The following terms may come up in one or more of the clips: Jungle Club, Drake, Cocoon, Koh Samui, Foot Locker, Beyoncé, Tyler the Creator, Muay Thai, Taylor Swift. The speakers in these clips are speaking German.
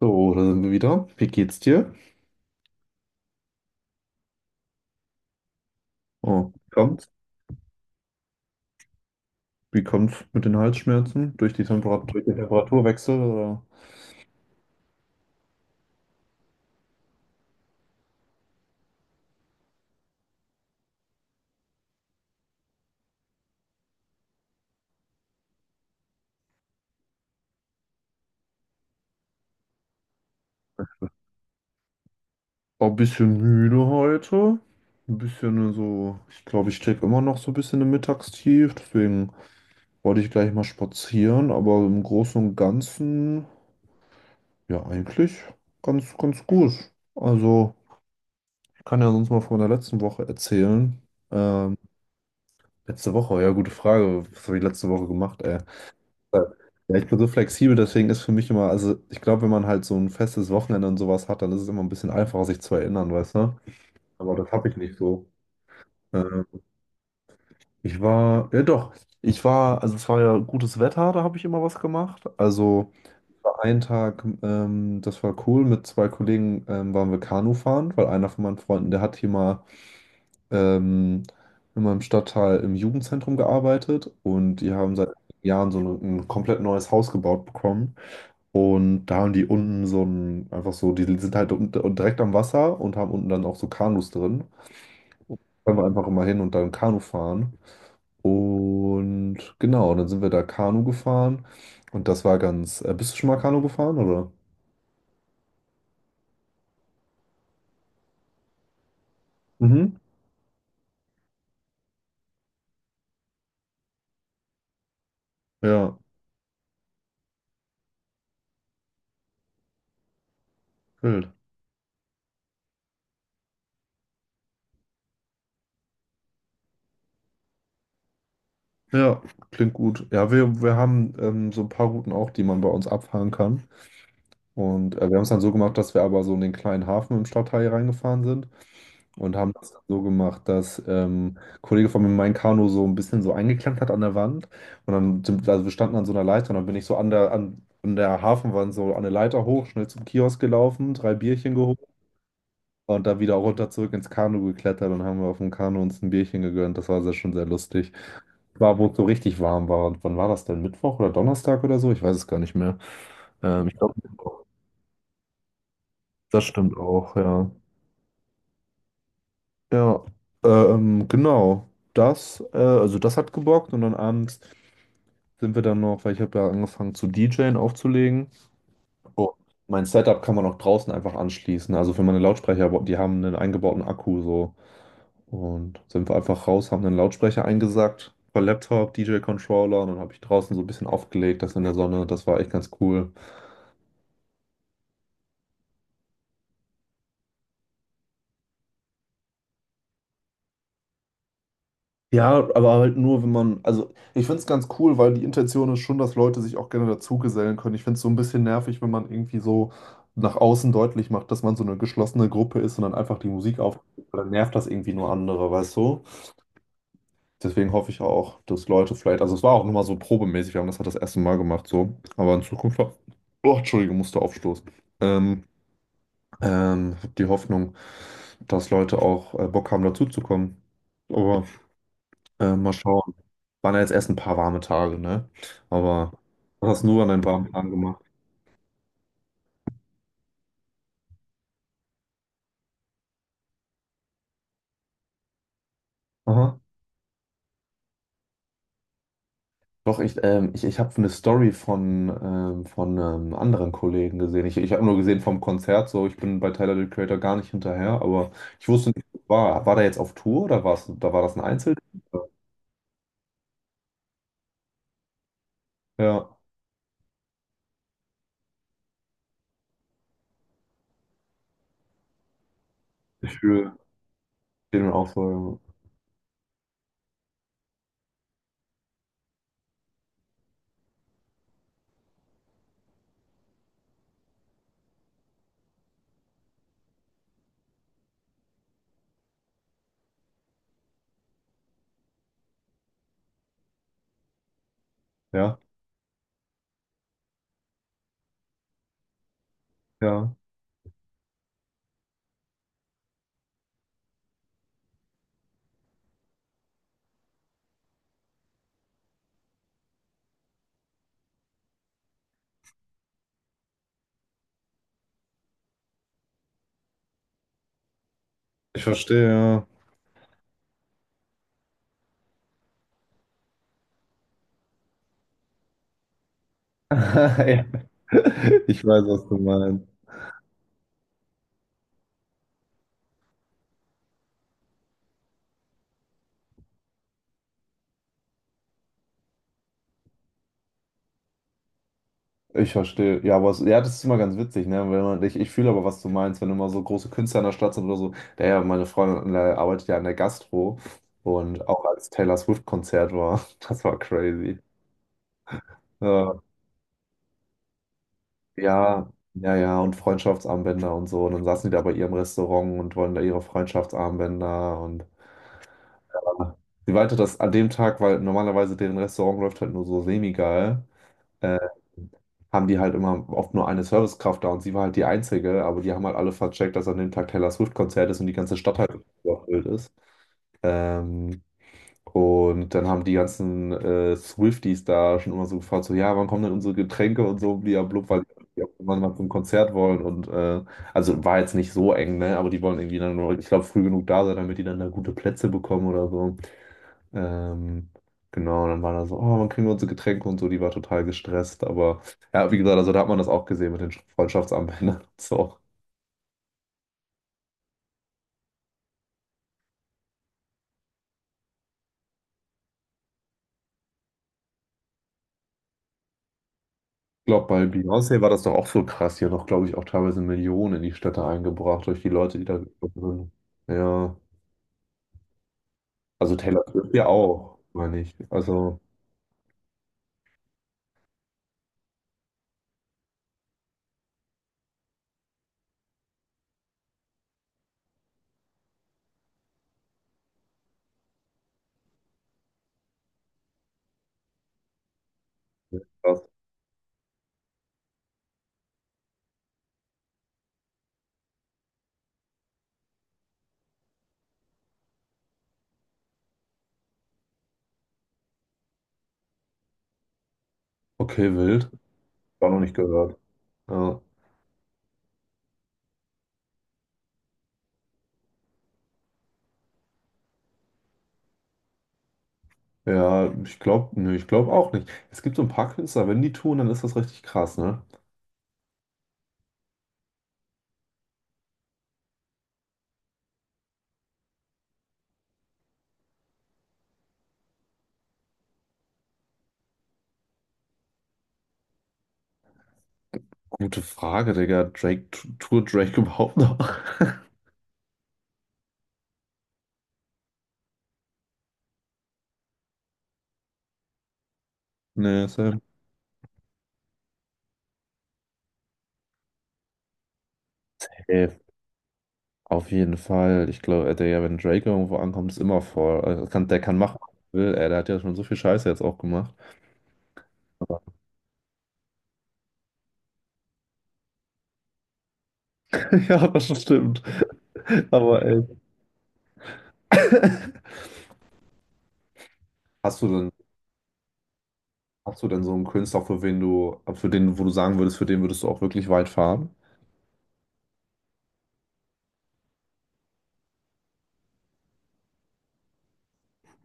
So, da sind wir wieder. Wie geht's dir? Oh, wie kommt's? Wie kommt's mit den Halsschmerzen? Durch den Temperaturwechsel oder? War ein bisschen müde heute. Ein bisschen so, ich glaube, ich stecke immer noch so ein bisschen im Mittagstief. Deswegen wollte ich gleich mal spazieren, aber im Großen und Ganzen, ja, eigentlich ganz, ganz gut. Also, ich kann ja sonst mal von der letzten Woche erzählen. Ähm, Letzte Woche, ja, gute Frage. Was habe ich letzte Woche gemacht, ey? Ja, ich bin so flexibel, deswegen ist für mich immer, also ich glaube, wenn man halt so ein festes Wochenende und sowas hat, dann ist es immer ein bisschen einfacher, sich zu erinnern, weißt du? Aber das habe ich nicht so. Ähm, Ich war, ja doch, ich war, also es war ja gutes Wetter, da habe ich immer was gemacht. Also war ein Tag, das war cool, mit zwei Kollegen waren wir Kanu fahren, weil einer von meinen Freunden, der hat hier mal ähm, in meinem Stadtteil im Jugendzentrum gearbeitet und die haben seit Jahren so ein komplett neues Haus gebaut bekommen. Und da haben die unten so ein, einfach so, die sind halt unten, direkt am Wasser und haben unten dann auch so Kanus drin. Können wir einfach immer hin und dann Kanu fahren. Und genau, dann sind wir da Kanu gefahren. Und das war ganz. Bist du schon mal Kanu gefahren, oder? Mhm. Ja, wild. Ja, klingt gut. Ja, wir haben so ein paar Routen auch, die man bei uns abfahren kann. Und wir haben es dann so gemacht, dass wir aber so in den kleinen Hafen im Stadtteil reingefahren sind. Und haben das so gemacht, dass ein Kollege von mir mein Kanu so ein bisschen so eingeklemmt hat an der Wand. Und dann, also wir standen an so einer Leiter und dann bin ich so an der Hafenwand so an der Leiter hoch, schnell zum Kiosk gelaufen, drei Bierchen geholt und dann wieder runter zurück ins Kanu geklettert und haben wir auf dem Kanu uns ein Bierchen gegönnt. Das war sehr, schon sehr lustig. War, wo es so richtig warm war. Und wann war das denn? Mittwoch oder Donnerstag oder so? Ich weiß es gar nicht mehr. Ich glaube, Mittwoch. Das stimmt auch, ja. Ja, genau. Das, also das hat gebockt und dann abends sind wir dann noch, weil ich habe da angefangen zu DJen aufzulegen. Oh. Mein Setup kann man auch draußen einfach anschließen. Also für meine Lautsprecher, die haben einen eingebauten Akku so. Und sind wir einfach raus, haben einen Lautsprecher eingesackt, per Laptop, DJ-Controller und dann habe ich draußen so ein bisschen aufgelegt, das in der Sonne. Das war echt ganz cool. Ja, aber halt nur, wenn man, also ich finde es ganz cool, weil die Intention ist schon, dass Leute sich auch gerne dazugesellen können. Ich finde es so ein bisschen nervig, wenn man irgendwie so nach außen deutlich macht, dass man so eine geschlossene Gruppe ist und dann einfach die Musik auf, dann nervt das irgendwie nur andere, weißt du? Deswegen hoffe ich auch, dass Leute vielleicht, also es war auch nur mal so probemäßig, wir haben das halt das erste Mal gemacht, so, aber in Zukunft, oh, Entschuldige, musste aufstoßen. Ähm, Hab die Hoffnung, dass Leute auch Bock haben, dazuzukommen. Aber mal schauen. Waren ja jetzt erst ein paar warme Tage, ne? Aber was hast du nur an deinen warmen Tagen gemacht? Aha. Doch, ich habe eine Story von einem anderen Kollegen gesehen. Ich habe nur gesehen vom Konzert, so ich bin bei Tyler the Creator gar nicht hinterher, aber ich wusste nicht, was war. War der jetzt auf Tour oder da war das ein Einzel? Ja, ich fühle den auch so. Ja, ja. Ich verstehe, ja. Ja. Ich weiß, was du meinst. Ich verstehe. Ja, aber es, ja, das ist immer ganz witzig, ne? Wenn man, ich fühle aber, was du meinst, wenn immer so große Künstler in der Stadt sind oder so. Der ja, meine Freundin arbeitet ja an der Gastro und auch als Taylor Swift-Konzert war, das war crazy. Ja, ja, ja, ja, und Freundschaftsarmbänder und so. Und dann saßen die da bei ihrem Restaurant und wollen da ihre Freundschaftsarmbänder und ja. Sie meinte, dass an dem Tag, weil normalerweise deren Restaurant läuft halt nur so semi-geil. äh, Haben die halt immer oft nur eine Servicekraft da und sie war halt die Einzige, aber die haben halt alle vercheckt, dass an dem Tag Taylor Swift-Konzert ist und die ganze Stadt halt überfüllt ist. Ähm, und dann haben die ganzen Swifties da schon immer so gefragt, so, ja, wann kommen denn unsere Getränke und so, blub, weil die auch immer mal zum Konzert wollen und also war jetzt nicht so eng, ne, aber die wollen irgendwie dann, nur, ich glaube, früh genug da sein, damit die dann da gute Plätze bekommen oder so. Ähm, genau, und dann war da so, oh, wann kriegen wir unsere Getränke und so, die war total gestresst, aber ja, wie gesagt, also da hat man das auch gesehen mit den Freundschaftsarmbändern und so. Ich glaube, bei Beyoncé war das doch auch so krass. Die hat doch, glaube ich, auch teilweise Millionen in die Städte eingebracht durch die Leute, die da gekommen sind. Ja, also Taylor Swift ja auch, meine ich. Also, ja, krass. Okay, wild. War noch nicht gehört. Ja, ja ich glaube, nee, ich glaube auch nicht. Es gibt so ein paar Künstler, wenn die tun, dann ist das richtig krass, ne? Gute Frage, Digga. Drake, tut Drake überhaupt noch? Nee, Sam. Ey, auf jeden Fall. Ich glaube, Digga, wenn Drake irgendwo ankommt, ist immer vor. Also, kann, der kann machen, was er will. Ey, der hat ja schon so viel Scheiße jetzt auch gemacht. Aber, ja, das stimmt. Aber ey. Hast du denn, hast du denn so einen Künstler, für wen du, für den, wo du sagen würdest, für den würdest du auch wirklich weit fahren?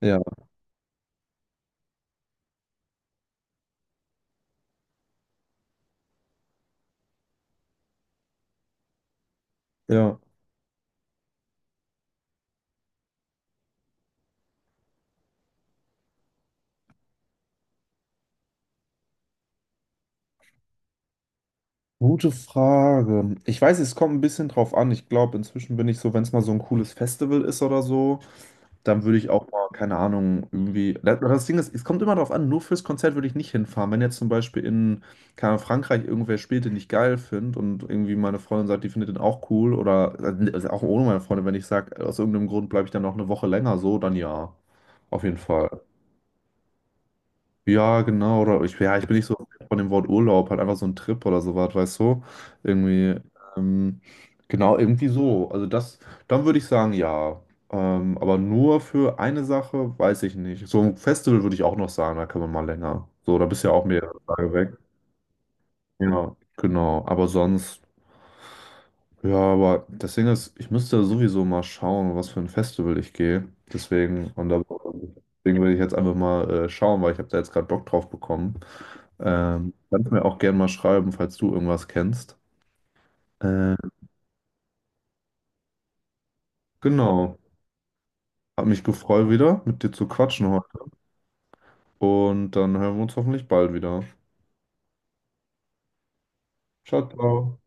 Ja, ja. Gute Frage. Ich weiß, es kommt ein bisschen drauf an. Ich glaube, inzwischen bin ich so, wenn es mal so ein cooles Festival ist oder so. Dann würde ich auch mal, keine Ahnung, irgendwie. Das Ding ist, es kommt immer darauf an, nur fürs Konzert würde ich nicht hinfahren. Wenn jetzt zum Beispiel in, keine Ahnung, Frankreich irgendwer spielt, den ich geil finde und irgendwie meine Freundin sagt, die findet den auch cool oder also auch ohne meine Freundin, wenn ich sage, aus irgendeinem Grund bleibe ich dann noch eine Woche länger so, dann ja, auf jeden Fall. Ja, genau. Oder ich, ja, ich bin nicht so von dem Wort Urlaub, halt einfach so ein Trip oder sowas, weißt du? Irgendwie, ähm, genau, irgendwie so. Also das, dann würde ich sagen, ja. Aber nur für eine Sache, weiß ich nicht. So ein Festival würde ich auch noch sagen, da kann man mal länger. So, da bist du ja auch mehrere Tage weg. Ja, genau. Aber sonst, ja, aber das Ding ist, ich müsste sowieso mal schauen, was für ein Festival ich gehe. Deswegen, und da, deswegen will ich jetzt einfach mal schauen, weil ich habe da jetzt gerade Bock drauf bekommen. Kannst mir auch gerne mal schreiben, falls du irgendwas kennst. Äh, genau. Hat mich gefreut wieder, mit dir zu quatschen heute. Und dann hören wir uns hoffentlich bald wieder. Ciao, ciao.